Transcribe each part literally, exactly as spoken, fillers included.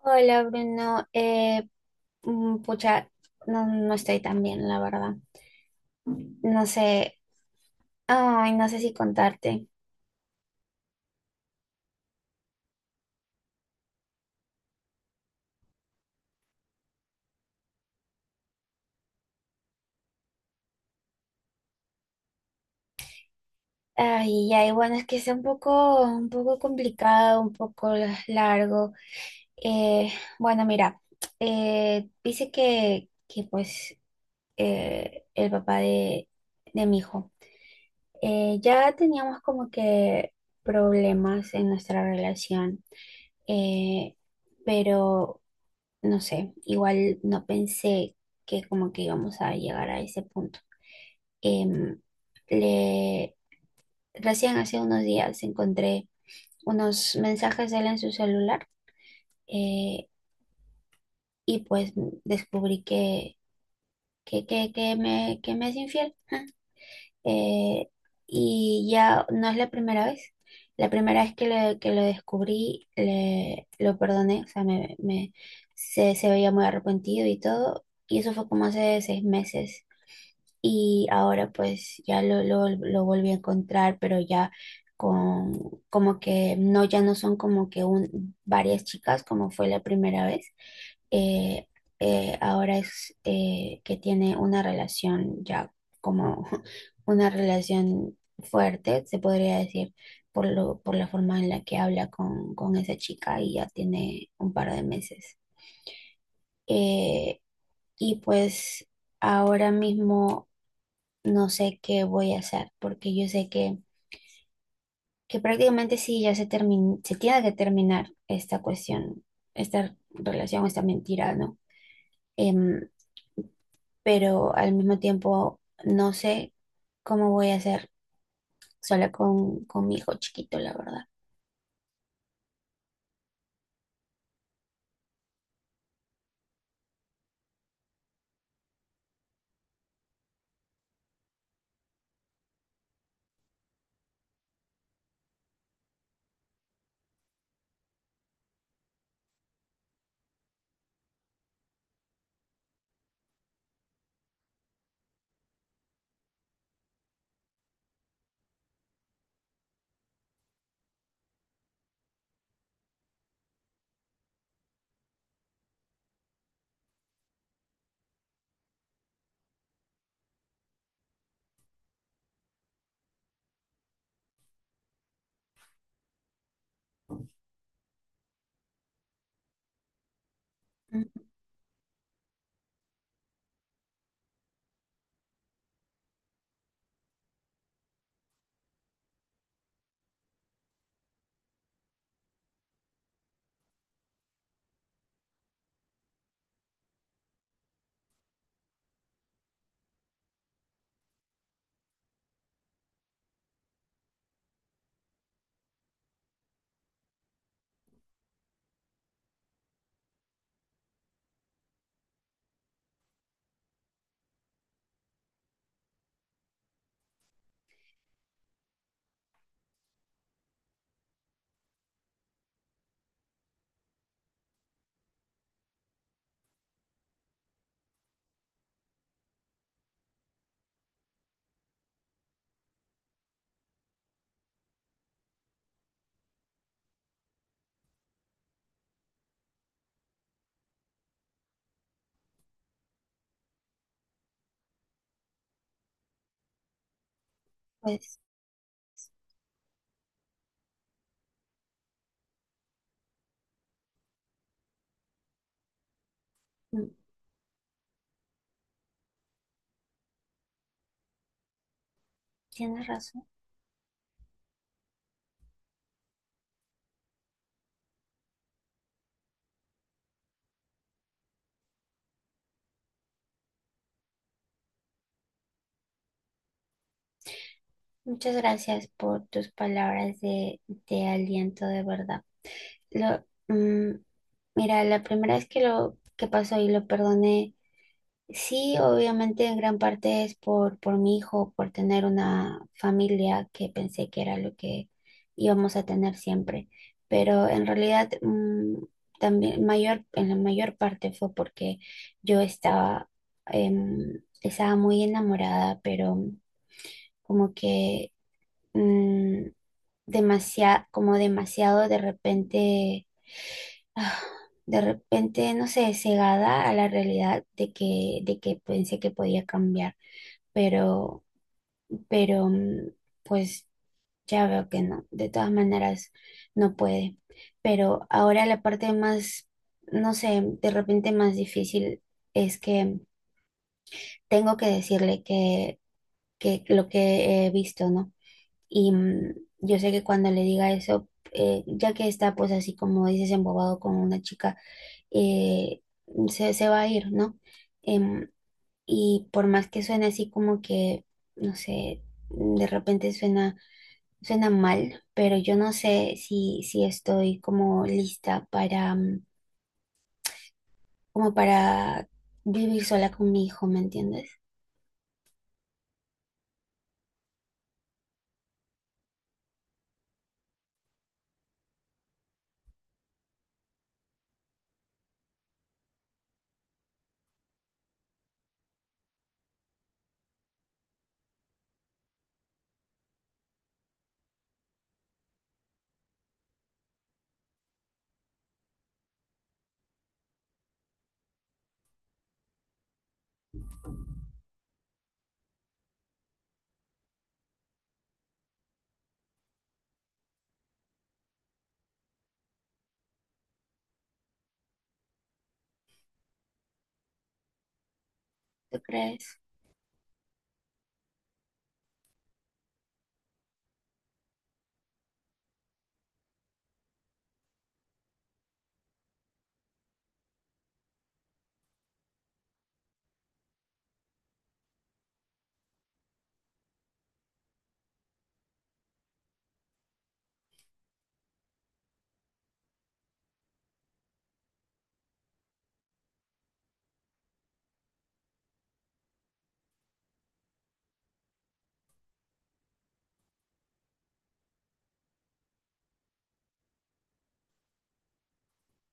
Hola Bruno, eh, mm, pucha, no, no estoy tan bien, la verdad. No sé, ay, no sé si contarte. Ay, ya, y bueno, es que está un poco, un poco complicado, un poco largo. Eh, bueno, mira, eh, dice que, que pues eh, el papá de, de mi hijo, eh, ya teníamos como que problemas en nuestra relación. Eh, pero no sé, igual no pensé que como que íbamos a llegar a ese punto. Em, le, recién hace unos días encontré unos mensajes de él en su celular, eh, y pues descubrí que, que, que, que me, que me es infiel. Eh, y ya no es la primera vez. La primera vez que, le- que lo descubrí, le, lo perdoné, o sea, me, me- se, se veía muy arrepentido y todo. Y eso fue como hace seis meses. y ahora pues ya lo, lo, lo volví a encontrar, pero ya con como que no, ya no son como que un, varias chicas como fue la primera vez. Eh, eh, ahora es eh, que tiene una relación ya como una relación fuerte, se podría decir, por lo, por la forma en la que habla con, con esa chica y ya tiene un par de meses. Eh, y pues ahora mismo no sé qué voy a hacer, porque yo sé que, que prácticamente sí, ya se termin- se tiene que terminar esta cuestión, esta relación, esta mentira, ¿no? Em, pero al mismo tiempo no sé cómo voy a hacer sola con, con mi hijo chiquito, la verdad. Mm, Pues mm, tienes razón. Muchas gracias por tus palabras de, de aliento, de verdad. Lo, mm, mira, la primera vez que lo que pasó y lo perdoné. Sí, obviamente en gran parte es por, por mi hijo, por tener una familia que pensé que era lo que íbamos a tener siempre. Pero en realidad mm, también mayor, en la mayor parte fue porque yo estaba, em, estaba muy enamorada, pero como que mm, demasiado, como demasiado de repente, ah, de repente, no sé, cegada a la realidad de que, de que pensé que podía cambiar, pero, pero mm, pues ya veo que no, de todas maneras no puede. Pero ahora la parte más, no sé, de repente más difícil es que tengo que decirle que, que lo que he visto, ¿no? Y mm, yo sé que cuando le diga eso, eh, ya que está pues así como dices, embobado con una chica, eh, se, se va a ir, ¿no? Em, Y por más que suene así como que, no sé, de repente suena, suena mal, pero yo no sé si, si estoy como lista para, mm, como para vivir sola con mi hijo, ¿me entiendes? ¿Tú crees?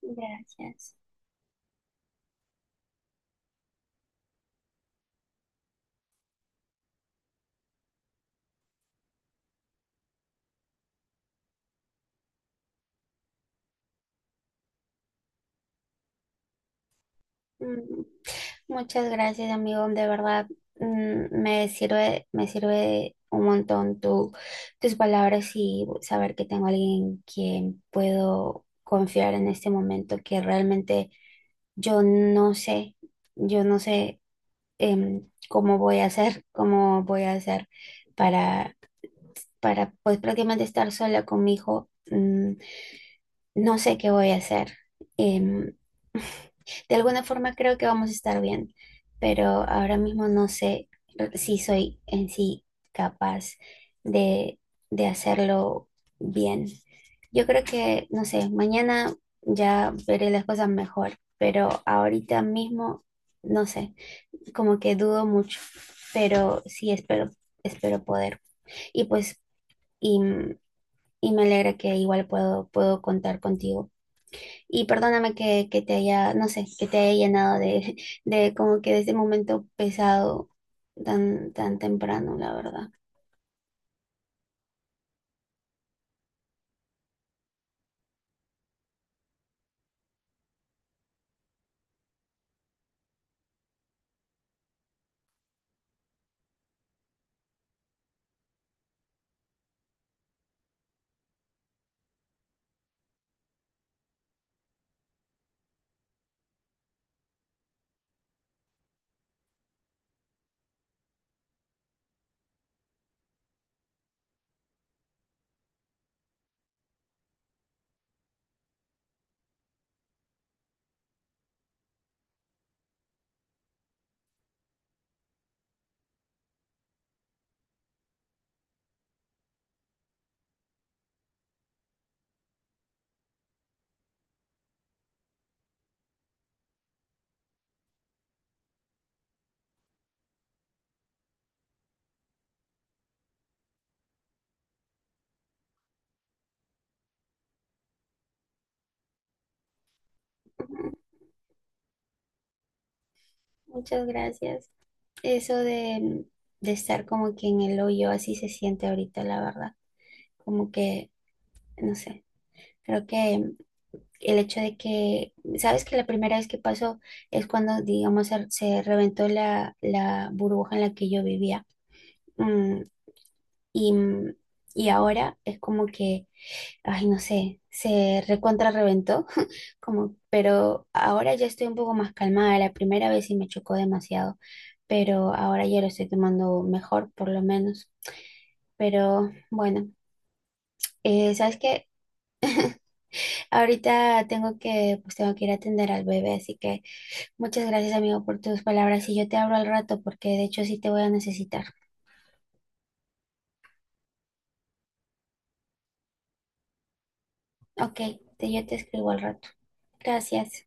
Gracias. Mm, Muchas gracias, amigo. De verdad, mm, me sirve, me sirve un montón tu, tus palabras y saber que tengo a alguien que puedo confiar en este momento que realmente. Yo no sé, yo no sé em, cómo voy a hacer, cómo voy a hacer para, para pues prácticamente estar sola con mi hijo. mm, no sé qué voy a hacer. Em, de alguna forma creo que vamos a estar bien, pero ahora mismo no sé si soy en sí capaz de, de hacerlo bien. Yo creo que, no sé, mañana ya veré las cosas mejor, pero ahorita mismo no sé. como que dudo mucho, pero sí espero, espero poder. Y pues, y, y me alegra que igual puedo, puedo contar contigo. Y perdóname que, que te haya, no sé, que te haya llenado de, de como que de ese momento pesado tan, tan temprano, la verdad. Ujú. Muchas gracias. Eso de, de estar como que en el hoyo, así se siente ahorita, la verdad. Como que, no sé, creo que el hecho de que, sabes que la primera vez que pasó es cuando, digamos, se, se reventó la, la burbuja en la que yo vivía. Mm, y, mm, y ahora es como que, ay, no sé, se recontra reventó, como, pero ahora ya estoy un poco más calmada. La primera vez sí me chocó demasiado, pero ahora ya lo estoy tomando mejor, por lo menos. Pero bueno, eh, ¿sabes qué? Ahorita tengo que, pues tengo que ir a atender al bebé, así que... Muchas gracias, amigo, por tus palabras. Y yo te hablo al rato, porque de hecho sí te voy a necesitar. Ok, te- yo te escribo al rato. Gracias.